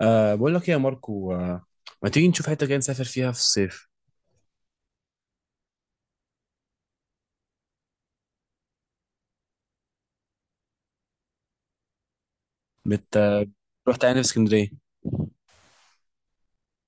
بقول لك ايه يا ماركو. ما تيجي نشوف حته كده نسافر فيها في الصيف؟ بت رحت تعمل إيه في اسكندريه؟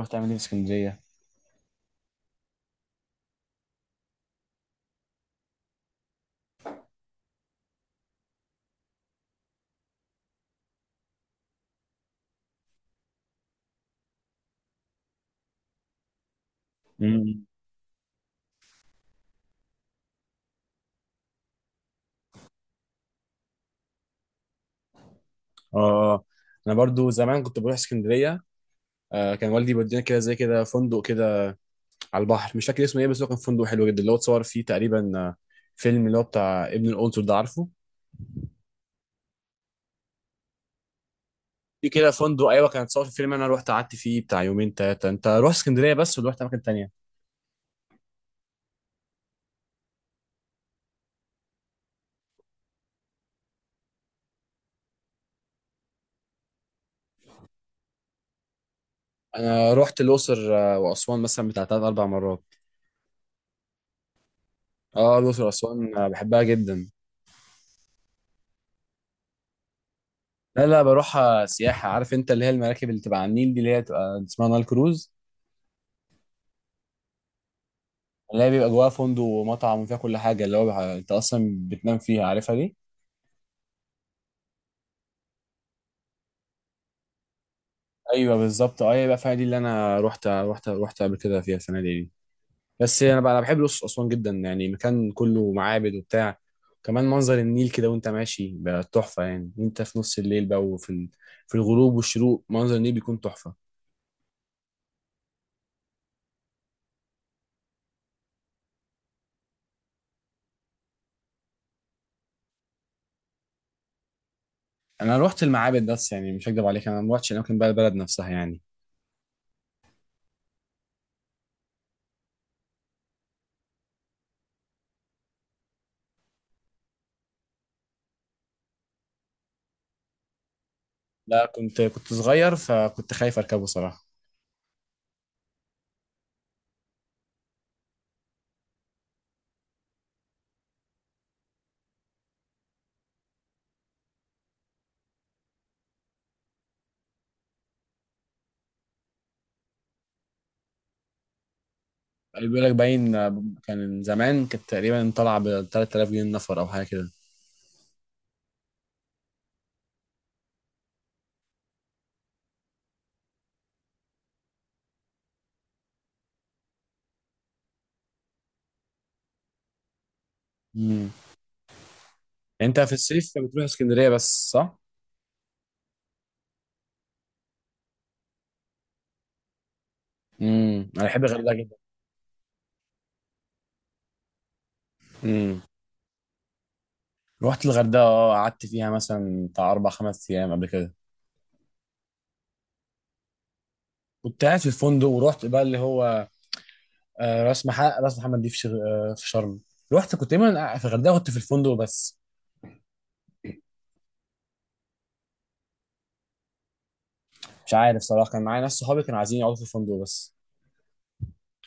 رحت تعمل ايه في اسكندريه؟ امم. اه، انا برضو زمان كنت بروح اسكندريه. كان والدي بيودينا كده زي كده فندق كده على البحر، مش فاكر اسمه ايه، بس هو كان فندق حلو جدا اللي هو اتصور فيه تقريبا، فيلم اللي هو بتاع ابن القنصل ده، عارفه؟ في كده فندق، ايوه كان اتصور في فيلم، انا رحت قعدت فيه بتاع 2 3 ايام. انت روح اسكندريه بس ولا رحت اماكن تانيه؟ انا رحت الاقصر واسوان مثلا بتاع 3 4 مرات. اه الأقصر وأسوان، بحبها جدا. لا لا، بروح سياحة. عارف انت اللي هي المراكب اللي تبقى على النيل دي، اللي هي تبقى اسمها نايل كروز، اللي هي بيبقى جواها فندق ومطعم وفيها كل حاجة، اللي هو انت اصلا بتنام فيها، عارفها دي؟ ايوه بالظبط. اه يبقى فيها دي اللي انا رحت قبل كده فيها الفنادق دي. بس انا بقى انا بحب الأقصر وأسوان جدا، يعني مكان كله معابد وبتاع. كمان منظر النيل كده وانت ماشي بقى تحفة يعني، وانت في نص الليل بقى في الغروب والشروق منظر النيل بيكون تحفة. انا روحت المعابد بس، يعني مش هكدب عليك انا ما روحتش الاماكن بقى البلد نفسها يعني. لا كنت صغير فكنت خايف اركبه صراحه. بيقول لك باين، كان زمان كانت تقريبا طالعه ب 3000 جنيه النفر او حاجه كده. امم. انت في الصيف بتروح اسكندريه بس، صح؟ امم، انا بحب الغردقه جدا. امم. رحت الغردقه، اه قعدت فيها مثلا بتاع 4 5 ايام قبل كده. كنت قاعد في الفندق ورحت بقى اللي هو، راس محمد. راس محمد دي في في شرم. رحت كنت دايما في الغردقه، كنت في الفندق بس. مش عارف صراحه، كان معايا ناس صحابي كانوا عايزين يقعدوا في الفندق بس.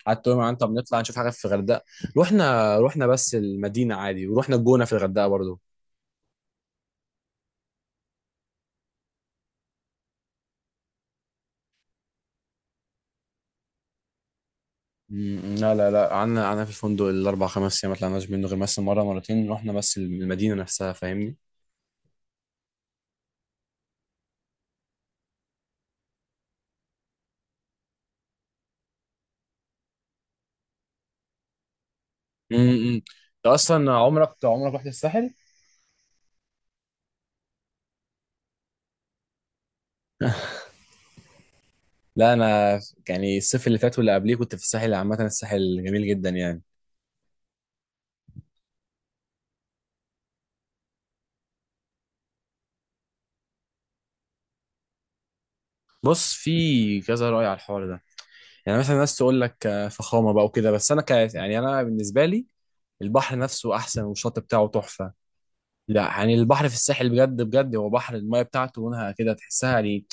قعدت اقول معاهم طب نطلع نشوف حاجه في الغردقه. رحنا بس المدينه عادي، ورحنا الجونه في الغردقه برضو. لا لا لا، قعدنا في الفندق الاربع خمس ايام، ما طلعناش منه غير مثلا مره مرتين رحنا بس المدينه نفسها، فاهمني؟ امم. انت اصلا عمرك رحت الساحل؟ لا انا، يعني الصيف اللي فات واللي قبليه كنت في الساحل، عامه الساحل جميل جدا يعني. بص، في كذا رأي على الحوار ده. يعني مثلا ناس تقول لك فخامه بقى وكده، بس انا ك يعني انا بالنسبه لي البحر نفسه احسن والشط بتاعه تحفه. لا يعني البحر في الساحل بجد بجد هو بحر، المايه بتاعته لونها كده تحسها يعني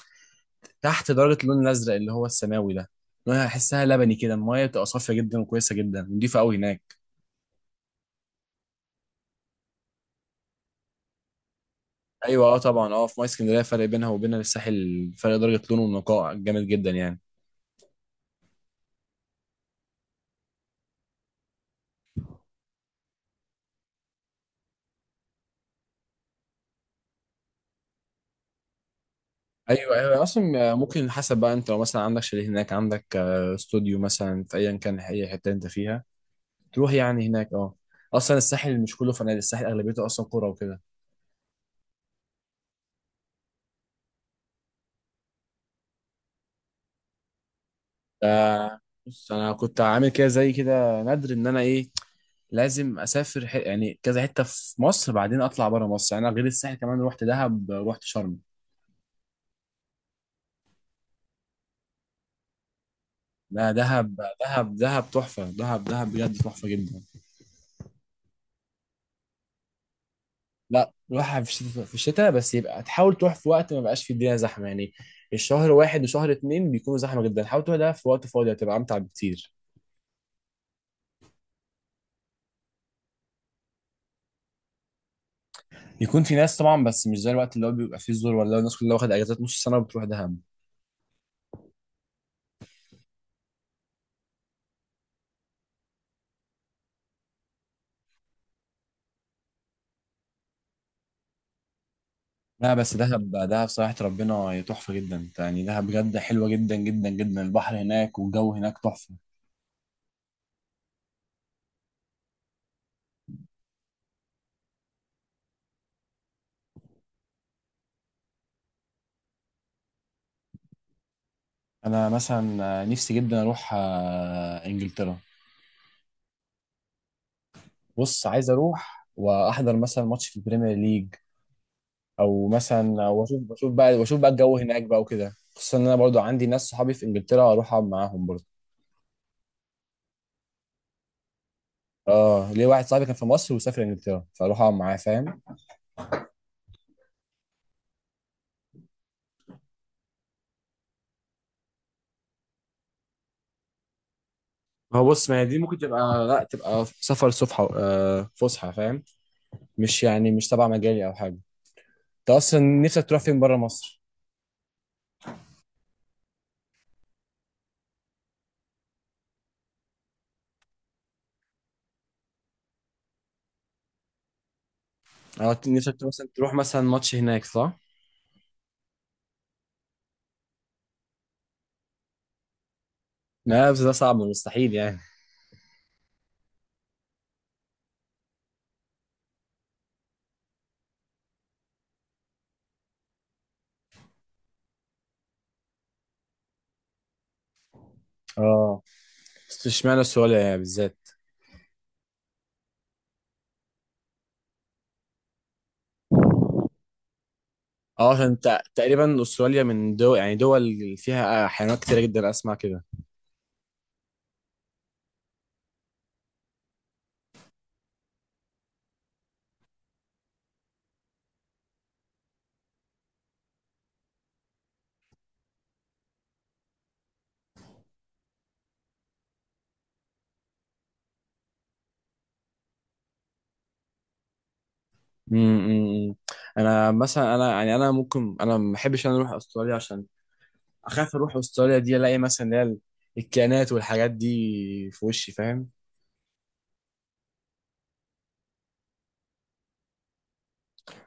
تحت درجه اللون الازرق اللي هو السماوي ده. لونها احسها لبني كده، المايه بتبقى صافيه جدا وكويسه جدا، نضيفه قوي هناك. ايوه اه طبعا، اه في ميه اسكندريه فرق بينها وبين الساحل، فرق درجه لون ونقاء جامد جدا يعني. ايوه، ايوه، أيوة. اصلا ممكن حسب بقى، انت لو مثلا عندك شاليه هناك، عندك استوديو مثلا، في ايا كان اي حته انت فيها تروح يعني هناك. اه اصلا الساحل مش كله فنادق، الساحل اغلبيته اصلا قرى وكده. ده بص، انا كنت عامل كده زي كده ندر ان انا ايه، لازم اسافر يعني كذا حته في مصر بعدين اطلع بره مصر. يعني انا غير الساحل كمان رحت دهب، رحت شرم. لا دهب، دهب دهب تحفه، دهب دهب بجد تحفه جدا. لا روحها في الشتاء، في الشتاء بس يبقى تحاول تروح في وقت ما بقاش في الدنيا زحمه يعني. الشهر 1 وشهر 2 بيكونوا زحمه جدا، حاول تروح ده في وقت فاضي هتبقى امتع بكتير. يكون في ناس طبعا بس مش زي الوقت اللي هو بيبقى فيه الزور، ولا الناس كلها واخد اجازات نص سنه وبتروح دهب. لا بس دهب، دهب صراحة ربنا هي تحفة جدا يعني، دهب بجد حلوة جدا جدا جدا، البحر هناك والجو هناك تحفة. أنا مثلا نفسي جدا أروح إنجلترا. بص، عايز أروح وأحضر مثلا ماتش في البريمير ليج، أو مثلا وأشوف بقى الجو هناك بقى وكده، خصوصا إن أنا برضو عندي ناس صحابي في إنجلترا، أروح أقعد معاهم برضو. اه ليه، واحد صاحبي كان في مصر وسافر انجلترا، فاروح اقعد معاه، فاهم. هو بص، ما هي دي ممكن تبقى لا تبقى سفر، صفحة فسحة، فاهم؟ مش يعني مش تبع مجالي او حاجة. انت اصلا نفسك تروح فين بره مصر؟ اه، نفسك تروح مثلا تروح مثلا ماتش هناك، صح؟ لا بس ده صعب مستحيل يعني. اه، بس اشمعنى استراليا يعني بالذات؟ اه عشان انت تقريبا استراليا من دول، يعني دول فيها حيوانات كتيرة جدا، اسمع كده. امم. انا مثلا انا يعني انا ممكن انا ما بحبش انا اروح استراليا عشان اخاف اروح استراليا دي الاقي مثلا اللي هي الكائنات والحاجات دي في وشي، فاهم؟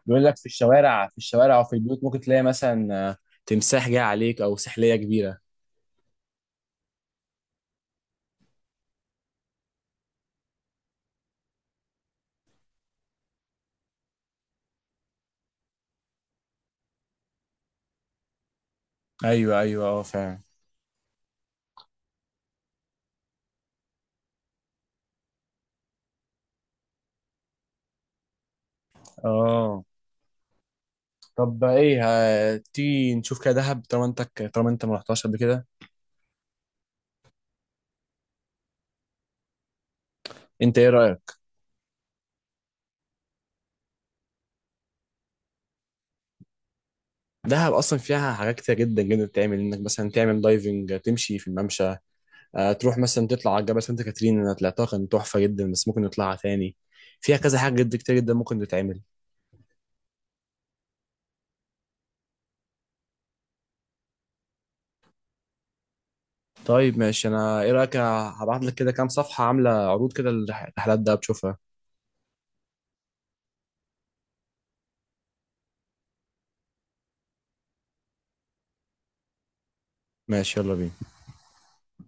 بيقول لك في الشوارع، في الشوارع او في البيوت ممكن تلاقي مثلا، تمساح جاي عليك او سحلية كبيرة. ايوه ايوه اه فعلا. اه طب بقى ايه، تيجي نشوف كده دهب طالما انت، طالما انت ما رحتهاش قبل كده. انت ايه رايك؟ دهب اصلا فيها حاجات كتير جدا جدا بتتعمل، انك مثلا تعمل دايفنج، تمشي في الممشى، تروح مثلا تطلع على جبل سانت كاترين. انا طلعتها كان تحفه جدا، بس ممكن نطلعها تاني. فيها كذا حاجه جدا كتير جدا ممكن تتعمل. طيب ماشي، انا ايه رايك هبعت لك كده كام صفحه عامله عروض كده لرحلات دهب تشوفها؟ ماشي يلا بينا.